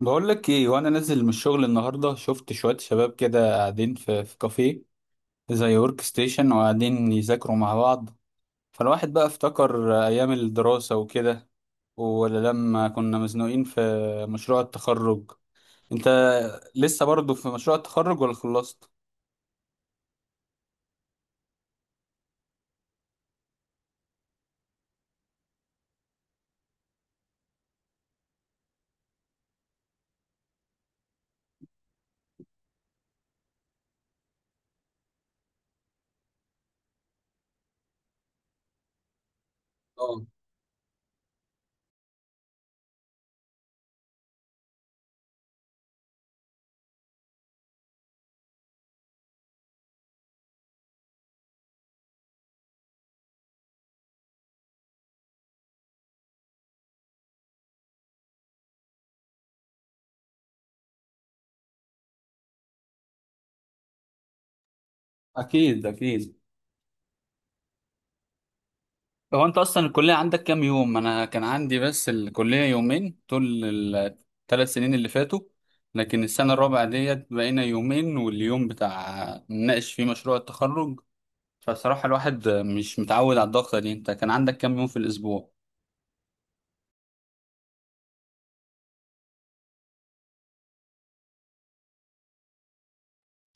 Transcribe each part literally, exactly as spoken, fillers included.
بقول لك ايه وانا نازل من الشغل النهارده شفت شويه شباب كده قاعدين في في كافيه زي ورك ستيشن وقاعدين يذاكروا مع بعض. فالواحد بقى افتكر ايام الدراسه وكده، ولا لما كنا مزنوقين في مشروع التخرج. انت لسه برضه في مشروع التخرج ولا خلصت؟ اه. اكيد اكيد. هو انت اصلا الكليه عندك كام يوم؟ انا كان عندي بس الكليه يومين طول الثلاث سنين اللي فاتوا، لكن السنه الرابعه ديت بقينا يومين واليوم بتاع نناقش فيه مشروع التخرج. فصراحه الواحد مش متعود على الضغطه دي. انت كان عندك كام يوم في الاسبوع؟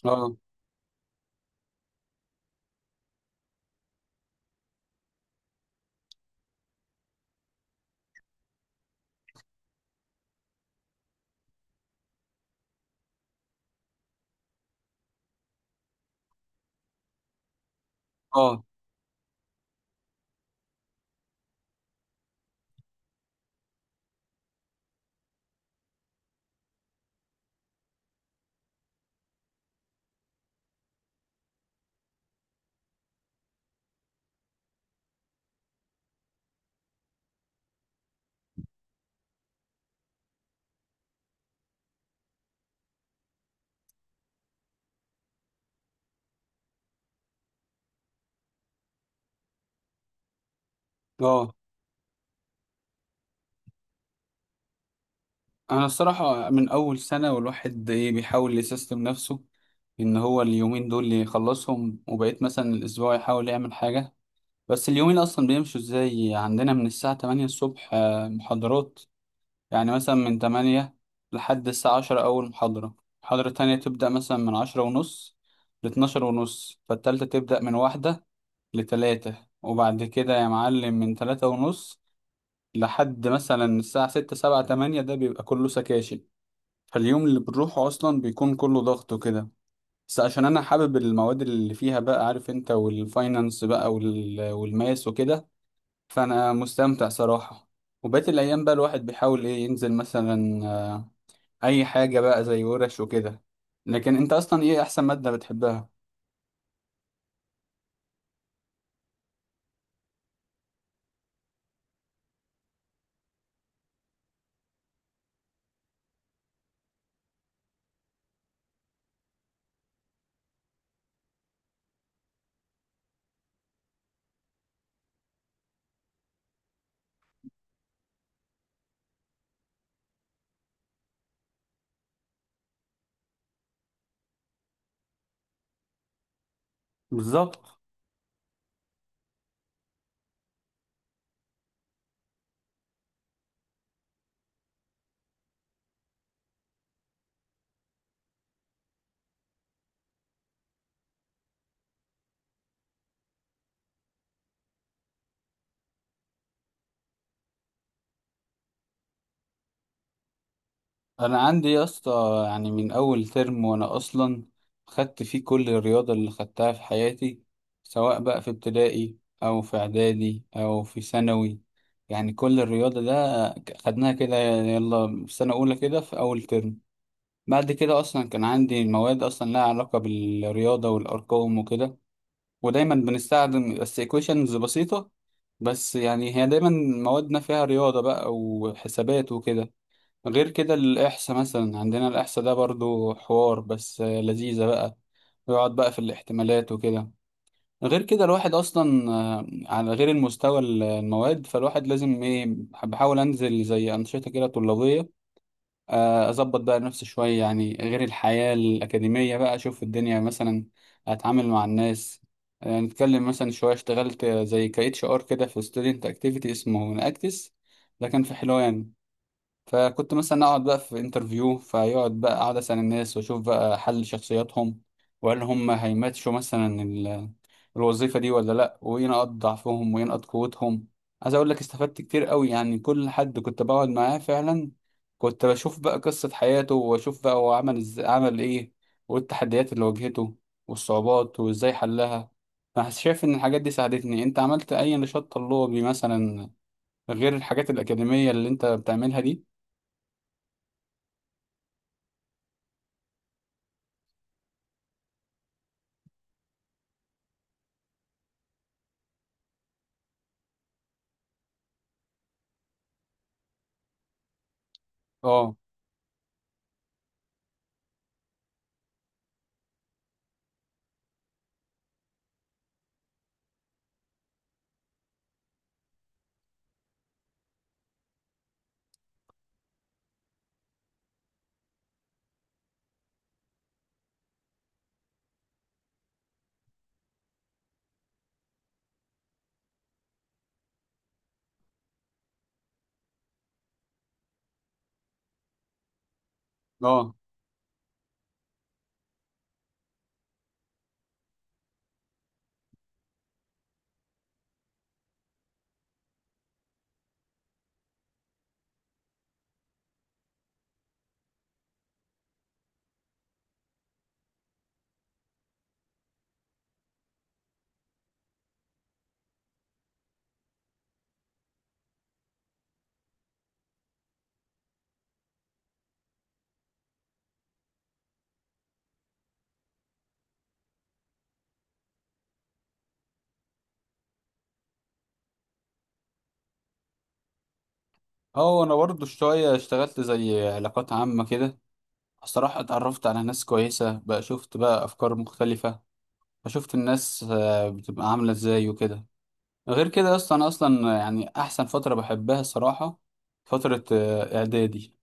اه اه اه. انا الصراحه من اول سنه والواحد ايه بيحاول يسيستم نفسه ان هو اليومين دول يخلصهم وبقيت مثلا الاسبوع يحاول يعمل حاجه. بس اليومين اصلا بيمشوا ازاي؟ عندنا من الساعة تمانية الصبح آه، محاضرات. يعني مثلا من تمانية لحد الساعة عشرة اول محاضرة. محاضرة تانية تبدأ مثلا من عشرة ونص ل الثانية عشرة ونص، فالتالتة تبدأ من واحدة لتلاتة. وبعد كده يا معلم من تلاتة ونص لحد مثلا الساعة ستة سبعة تمانية، ده بيبقى كله سكاشن. فاليوم اللي بنروحه أصلا بيكون كله ضغط وكده، بس عشان أنا حابب المواد اللي فيها، بقى عارف أنت، والفاينانس بقى وال- والماس وكده، فانا مستمتع صراحة. وبقيت الايام بقى الواحد بيحاول ايه ينزل مثلا آه، اي حاجة بقى زي ورش وكده. لكن انت اصلا ايه احسن مادة بتحبها؟ بالظبط. انا عندي يا اسطى يعني من اول ترم وانا اصلا خدت فيه كل الرياضة اللي خدتها في حياتي، سواء بقى في ابتدائي او في اعدادي او في ثانوي. يعني كل الرياضة ده خدناها كده يلا في سنة اولى كده في اول ترم. بعد كده اصلا كان عندي مواد اصلا لها علاقه بالرياضه والارقام وكده، ودايما بنستخدم بس equations بسيطه. بس يعني هي دايما موادنا فيها رياضه بقى وحسابات وكده. غير كده الاحصاء مثلا، عندنا الاحصاء ده برضو حوار، بس آه، لذيذه بقى، ويقعد بقى في الاحتمالات وكده. غير كده الواحد اصلا آه، على غير المستوى المواد، فالواحد لازم ايه بحاول انزل زي انشطه كده طلابيه، آه، اظبط بقى نفسي شويه يعني غير الحياه الاكاديميه بقى، اشوف الدنيا مثلا، اتعامل مع الناس، آه، نتكلم مثلا شويه. اشتغلت زي ك اتش ار كده في ستودنت اكتيفيتي اسمه ناكتس، ده كان في حلوان. فكنت مثلا اقعد بقى في انترفيو فيقعد بقى اقعد اسال الناس واشوف بقى حل شخصياتهم، وهل هم هيماتشوا مثلا الوظيفة دي ولا لأ، وينقط ضعفهم وينقط قوتهم. عايز أقول لك استفدت كتير قوي. يعني كل حد كنت بقعد معاه فعلا كنت بشوف بقى قصة حياته وأشوف بقى هو عمل إز... عمل إيه، والتحديات اللي واجهته والصعوبات وإزاي حلها. أنا شايف إن الحاجات دي ساعدتني. أنت عملت أي نشاط طلابي مثلا، غير الحاجات الأكاديمية اللي أنت بتعملها دي؟ أه أه أه. أنا برضه شوية اشتغلت زي علاقات عامة كده. الصراحة اتعرفت على ناس كويسة بقى، شفت بقى أفكار مختلفة، فشفت الناس آه، بتبقى عاملة ازاي وكده. غير كده يا اسطى انا اصلا يعني احسن فترة بحبها الصراحة فترة آه، اعدادي.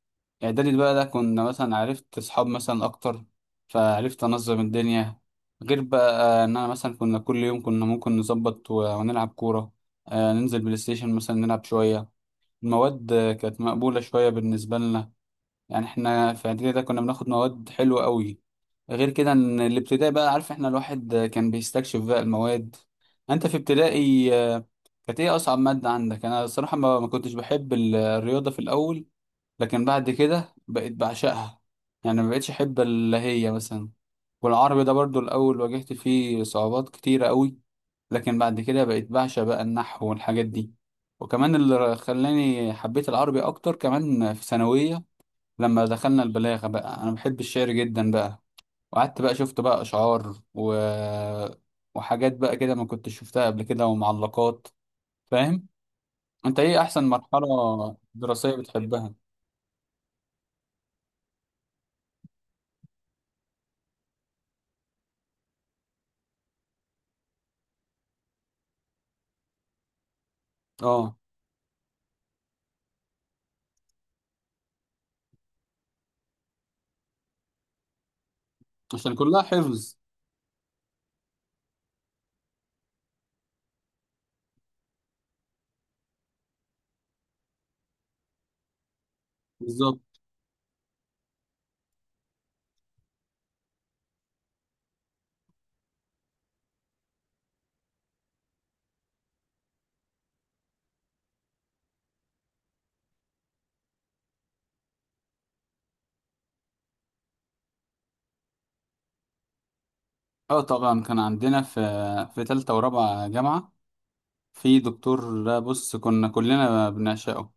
اعدادي بقى ده كنا مثلا عرفت اصحاب مثلا اكتر، فعرفت انظم الدنيا، غير بقى ان انا مثلا كنا كل يوم كنا ممكن نظبط و- ونلعب كورة، آه، ننزل بلاي ستيشن مثلا نلعب شوية. المواد آه، كانت مقبولة شوية بالنسبة لنا. يعني احنا في اعدادي ده كنا بناخد مواد حلوة قوي. غير كده ان الابتدائي بقى عارف احنا الواحد كان بيستكشف بقى المواد. انت في ابتدائي آه، كانت ايه اصعب مادة عندك؟ انا الصراحة ما ما كنتش بحب ال- الرياضة في الاول، لكن بعد كده بقيت بعشقها. يعني ما بقيتش احب اللي هي مثلا. والعربي ده برضو الاول واجهت فيه صعوبات كتيرة قوي، لكن بعد كده بقيت بعشق بقى النحو والحاجات دي. وكمان اللي خلاني حبيت العربي اكتر كمان في ثانوية لما دخلنا البلاغة بقى. انا بحب الشعر جدا بقى، وقعدت بقى شفت بقى اشعار و... وحاجات بقى كده ما كنتش شفتها قبل كده ومعلقات. فاهم؟ انت ايه احسن مرحله دراسيه بتحبها؟ اه. عشان كلها حفظ. بالظبط. اه طبعا كان عندنا في في تالتة ورابعة جامعة في دكتور. ده بص كنا كلنا بنعشقه.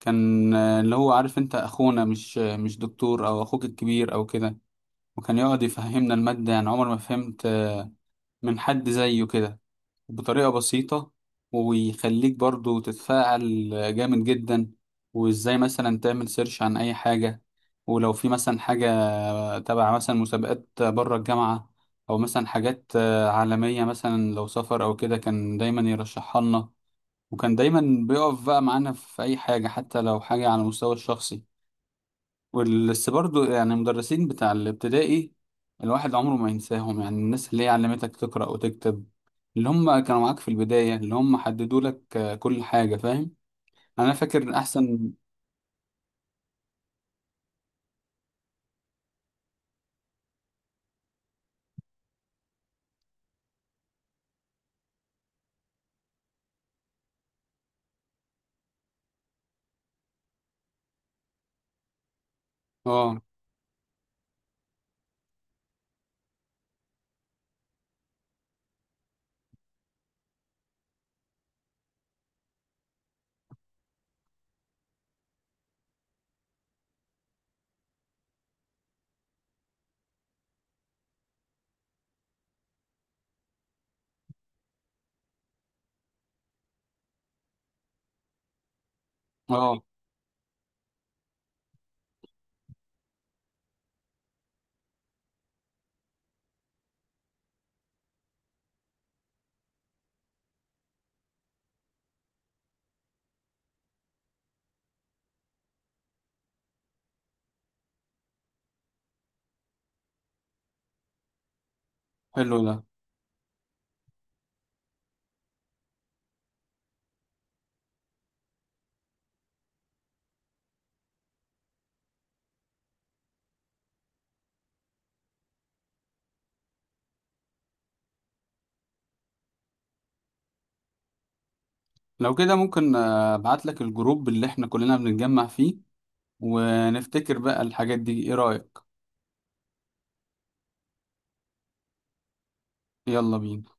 كان آه، اللي هو عارف انت اخونا، مش آه، مش دكتور، او اخوك الكبير او كده. وكان يقعد يفهمنا المادة، يعني عمر ما فهمت آه، من حد زيه كده، بطريقة بسيطة، ويخليك برضو تتفاعل. جامد جدا. وازاي مثلا تعمل سيرش عن اي حاجة، ولو في مثلا حاجة تبع مثلا مسابقات بره الجامعة، او مثلا حاجات آه، عالمية، مثلا لو سفر او كده، كان دايما يرشحها لنا. وكان دايما بيقف بقى معانا في اي حاجة، حتى لو حاجة على المستوى الشخصي. بس برضو يعني المدرسين بتاع الابتدائي الواحد عمره ما ينساهم. يعني الناس اللي هي علمتك تقرأ وتكتب، اللي هم كانوا معاك في البداية، اللي هم حددوا لك آه، كل حاجة. فاهم؟ أنا فاكر أحسن. اه اه. حلو ده. لو كده ممكن آه، أبعت لك الجروب اللي احنا كلنا بنتجمع فيه، ونفتكر بقى الحاجات دي. ايه رأيك؟ يلا بينا.